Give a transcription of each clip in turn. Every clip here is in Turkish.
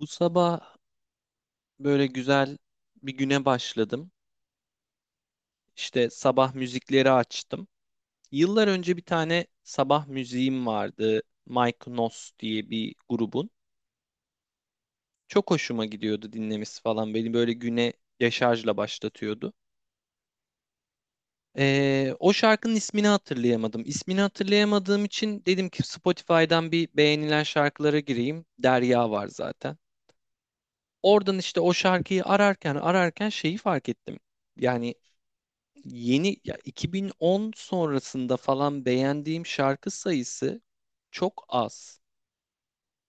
Bu sabah böyle güzel bir güne başladım. İşte sabah müzikleri açtım. Yıllar önce bir tane sabah müziğim vardı. Mike Noss diye bir grubun. Çok hoşuma gidiyordu dinlemesi falan. Beni böyle güne deşarjla başlatıyordu. O şarkının ismini hatırlayamadım. İsmini hatırlayamadığım için dedim ki Spotify'dan bir beğenilen şarkılara gireyim. Derya var zaten. Oradan işte o şarkıyı ararken şeyi fark ettim. Yani yeni ya 2010 sonrasında falan beğendiğim şarkı sayısı çok az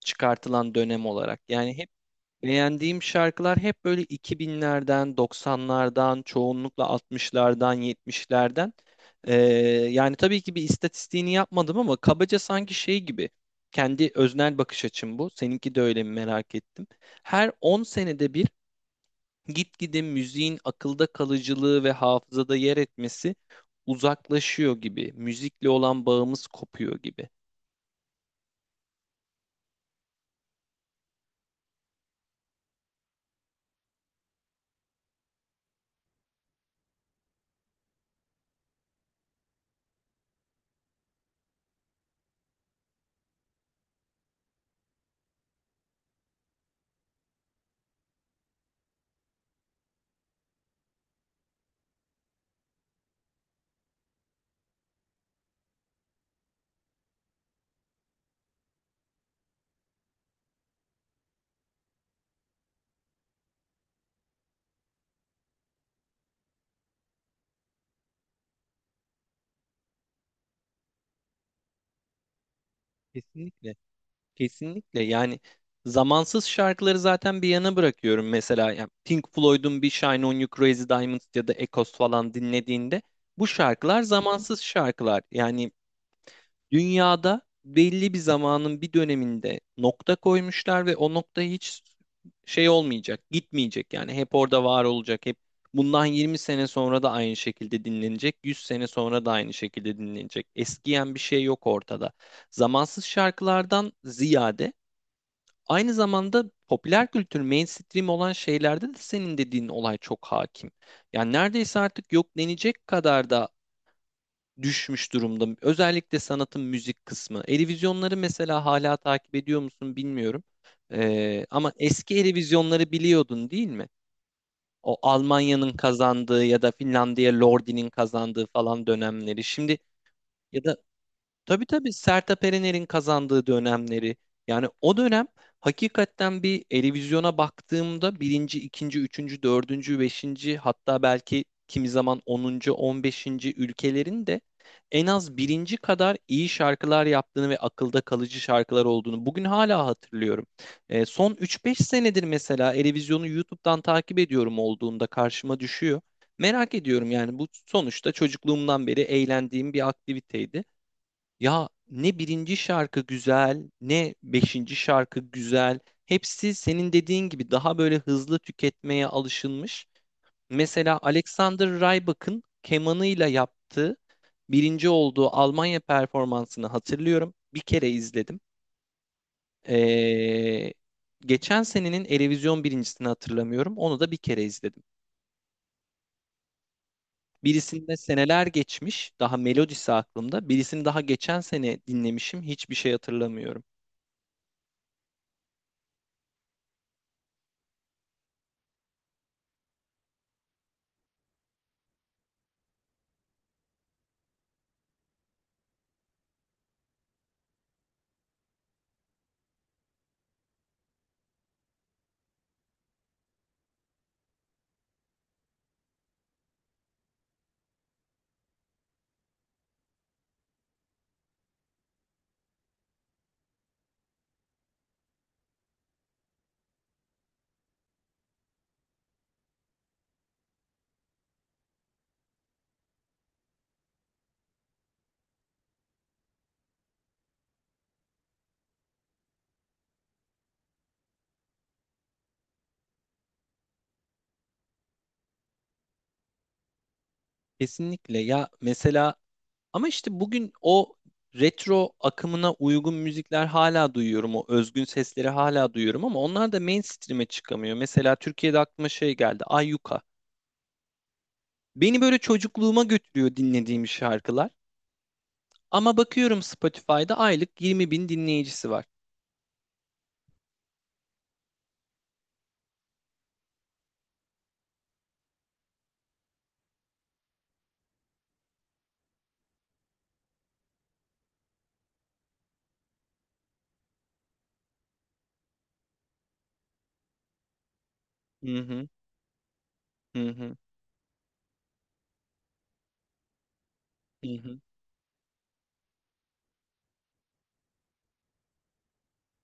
çıkartılan dönem olarak. Yani hep beğendiğim şarkılar hep böyle 2000'lerden, 90'lardan, çoğunlukla 60'lardan, 70'lerden. Ee, Yani tabii ki bir istatistiğini yapmadım ama kabaca sanki şey gibi. Kendi öznel bakış açım bu. Seninki de öyle mi merak ettim. Her 10 senede bir gitgide müziğin akılda kalıcılığı ve hafızada yer etmesi uzaklaşıyor gibi. Müzikle olan bağımız kopuyor gibi. Kesinlikle. Kesinlikle. Yani zamansız şarkıları zaten bir yana bırakıyorum. Mesela yani Pink Floyd'un bir Shine On You Crazy Diamonds ya da Echoes falan dinlediğinde bu şarkılar zamansız şarkılar. Yani dünyada belli bir zamanın bir döneminde nokta koymuşlar ve o nokta hiç şey olmayacak, gitmeyecek, yani hep orada var olacak, hep bundan 20 sene sonra da aynı şekilde dinlenecek, 100 sene sonra da aynı şekilde dinlenecek. Eskiyen bir şey yok ortada. Zamansız şarkılardan ziyade aynı zamanda popüler kültür, mainstream olan şeylerde de senin dediğin olay çok hakim. Yani neredeyse artık yok denecek kadar da düşmüş durumda. Özellikle sanatın müzik kısmı. Eurovisionları mesela hala takip ediyor musun bilmiyorum. Ama eski Eurovisionları biliyordun değil mi? O Almanya'nın kazandığı ya da Finlandiya Lordi'nin kazandığı falan dönemleri. Şimdi ya da tabii tabii Sertab Erener'in kazandığı dönemleri. Yani o dönem hakikaten bir televizyona baktığımda birinci, ikinci, üçüncü, dördüncü, beşinci, hatta belki kimi zaman onuncu, on beşinci ülkelerin de en az birinci kadar iyi şarkılar yaptığını ve akılda kalıcı şarkılar olduğunu bugün hala hatırlıyorum. E, son üç beş senedir mesela televizyonu YouTube'dan takip ediyorum olduğunda karşıma düşüyor. Merak ediyorum yani, bu sonuçta çocukluğumdan beri eğlendiğim bir aktiviteydi. Ya ne birinci şarkı güzel, ne beşinci şarkı güzel. Hepsi senin dediğin gibi daha böyle hızlı tüketmeye alışılmış. Mesela Alexander Rybak'ın kemanıyla yaptığı birinci olduğu Almanya performansını hatırlıyorum. Bir kere izledim. Ee, Geçen senenin Erevizyon birincisini hatırlamıyorum. Onu da bir kere izledim. Birisinde seneler geçmiş, daha melodisi aklımda. Birisini daha geçen sene dinlemişim, hiçbir şey hatırlamıyorum. Kesinlikle ya, mesela ama işte bugün o retro akımına uygun müzikler hala duyuyorum. O özgün sesleri hala duyuyorum ama onlar da mainstream'e çıkamıyor. Mesela Türkiye'de aklıma şey geldi. Ayyuka. Beni böyle çocukluğuma götürüyor dinlediğim şarkılar. Ama bakıyorum Spotify'da aylık 20 bin dinleyicisi var. Hı hı, hı hı, hı hı.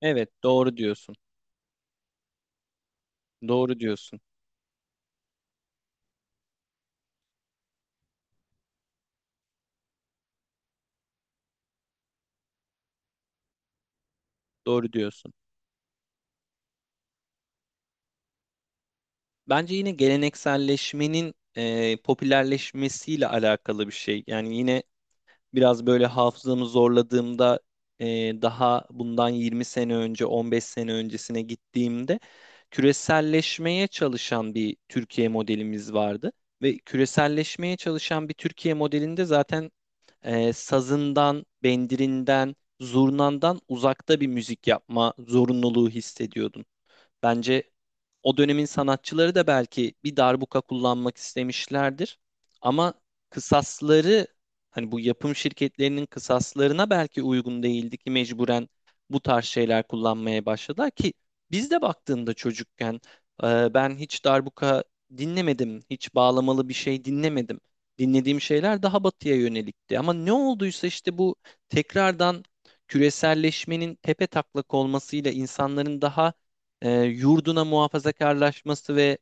Evet, doğru diyorsun. Doğru diyorsun. Doğru diyorsun. Bence yine gelenekselleşmenin e, popülerleşmesiyle alakalı bir şey. Yani yine biraz böyle hafızamı zorladığımda e, daha bundan 20 sene önce, 15 sene öncesine gittiğimde küreselleşmeye çalışan bir Türkiye modelimiz vardı. Ve küreselleşmeye çalışan bir Türkiye modelinde zaten e, sazından, bendirinden, zurnandan uzakta bir müzik yapma zorunluluğu hissediyordun. Bence o dönemin sanatçıları da belki bir darbuka kullanmak istemişlerdir. Ama kısasları, hani bu yapım şirketlerinin kısaslarına belki uygun değildi ki mecburen bu tarz şeyler kullanmaya başladılar ki biz de baktığında çocukken e, ben hiç darbuka dinlemedim, hiç bağlamalı bir şey dinlemedim. Dinlediğim şeyler daha batıya yönelikti. Ama ne olduysa işte bu tekrardan küreselleşmenin tepe taklak olmasıyla insanların daha e, yurduna muhafazakarlaşması ve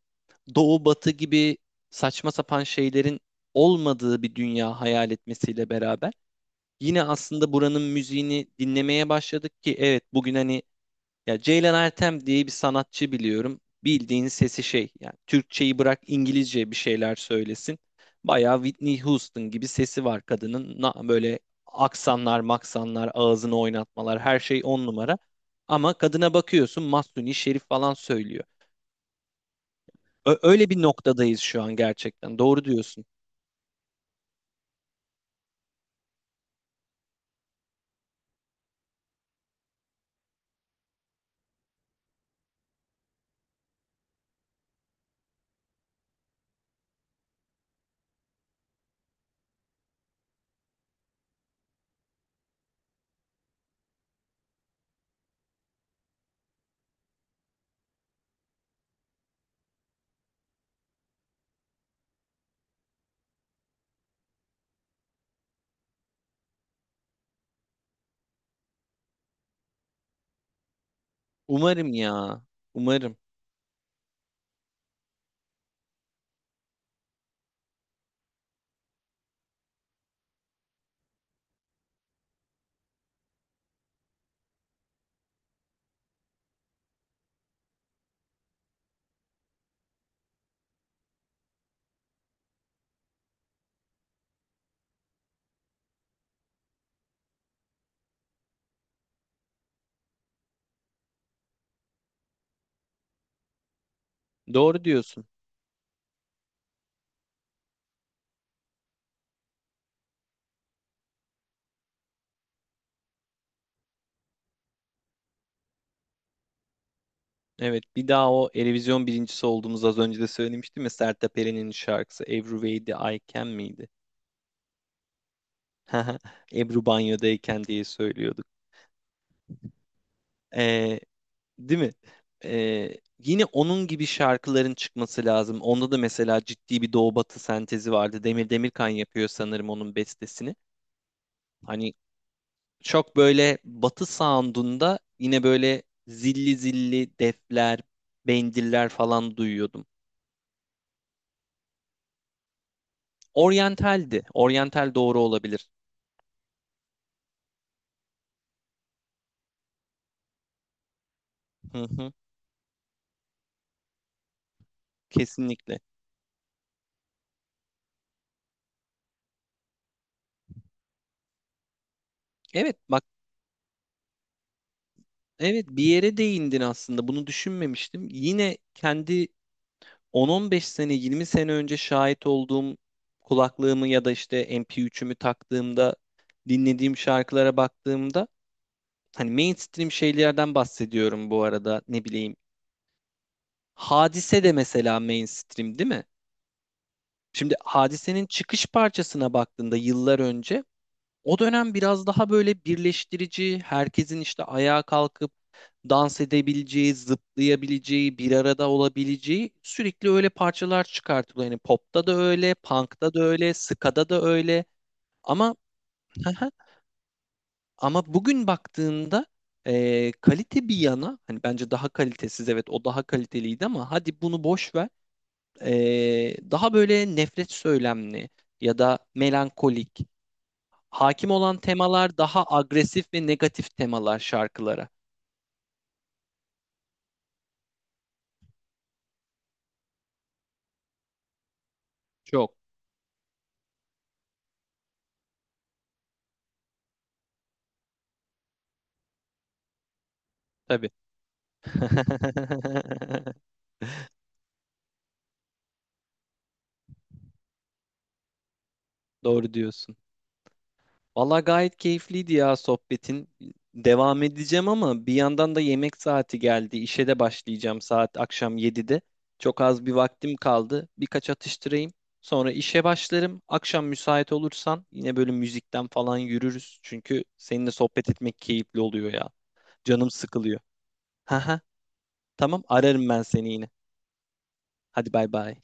doğu batı gibi saçma sapan şeylerin olmadığı bir dünya hayal etmesiyle beraber yine aslında buranın müziğini dinlemeye başladık ki evet, bugün hani ya Ceylan Ertem diye bir sanatçı biliyorum. Bildiğin sesi şey. Yani Türkçeyi bırak, İngilizce bir şeyler söylesin. Bayağı Whitney Houston gibi sesi var kadının. Böyle aksanlar, maksanlar, ağzını oynatmalar, her şey on numara. Ama kadına bakıyorsun Mahsuni Şerif falan söylüyor. Öyle bir noktadayız şu an gerçekten. Doğru diyorsun. Umarım ya. Umarım. Doğru diyorsun. Evet, bir daha o Erevizyon birincisi olduğumuz, az önce de söylemiştim ya, Sertab Erener'in şarkısı Every Way That I Can miydi? Ebru banyodayken diye söylüyorduk. Ee, Değil mi? Yine onun gibi şarkıların çıkması lazım. Onda da mesela ciddi bir doğu batı sentezi vardı. Demir Demirkan yapıyor sanırım onun bestesini. Hani çok böyle batı sound'unda yine böyle zilli zilli defler, bendiller falan duyuyordum. Oryantaldi. Oryantal doğru olabilir. Hı hı, kesinlikle. Evet, bak, evet, bir yere değindin, aslında bunu düşünmemiştim. Yine kendi 10-15 sene, 20 sene önce şahit olduğum, kulaklığımı ya da işte MP3'ümü taktığımda dinlediğim şarkılara baktığımda, hani mainstream şeylerden bahsediyorum bu arada, ne bileyim. Hadise de mesela mainstream değil mi? Şimdi Hadise'nin çıkış parçasına baktığında yıllar önce o dönem biraz daha böyle birleştirici, herkesin işte ayağa kalkıp dans edebileceği, zıplayabileceği, bir arada olabileceği sürekli öyle parçalar çıkartılıyor. Yani popta da öyle, punk'ta da öyle, ska'da da öyle. Ama ama bugün baktığında e, kalite bir yana, hani bence daha kalitesiz, evet, o daha kaliteliydi ama hadi bunu boş ver. E, daha böyle nefret söylemli ya da melankolik. Hakim olan temalar daha agresif ve negatif temalar şarkılara. Çok tabii. Doğru diyorsun. Valla gayet keyifliydi ya sohbetin. Devam edeceğim ama bir yandan da yemek saati geldi. İşe de başlayacağım saat akşam 7'de. Çok az bir vaktim kaldı. Birkaç atıştırayım. Sonra işe başlarım. Akşam müsait olursan yine böyle müzikten falan yürürüz. Çünkü seninle sohbet etmek keyifli oluyor ya. Canım sıkılıyor. Haha. Tamam, ararım ben seni yine. Hadi bay bay.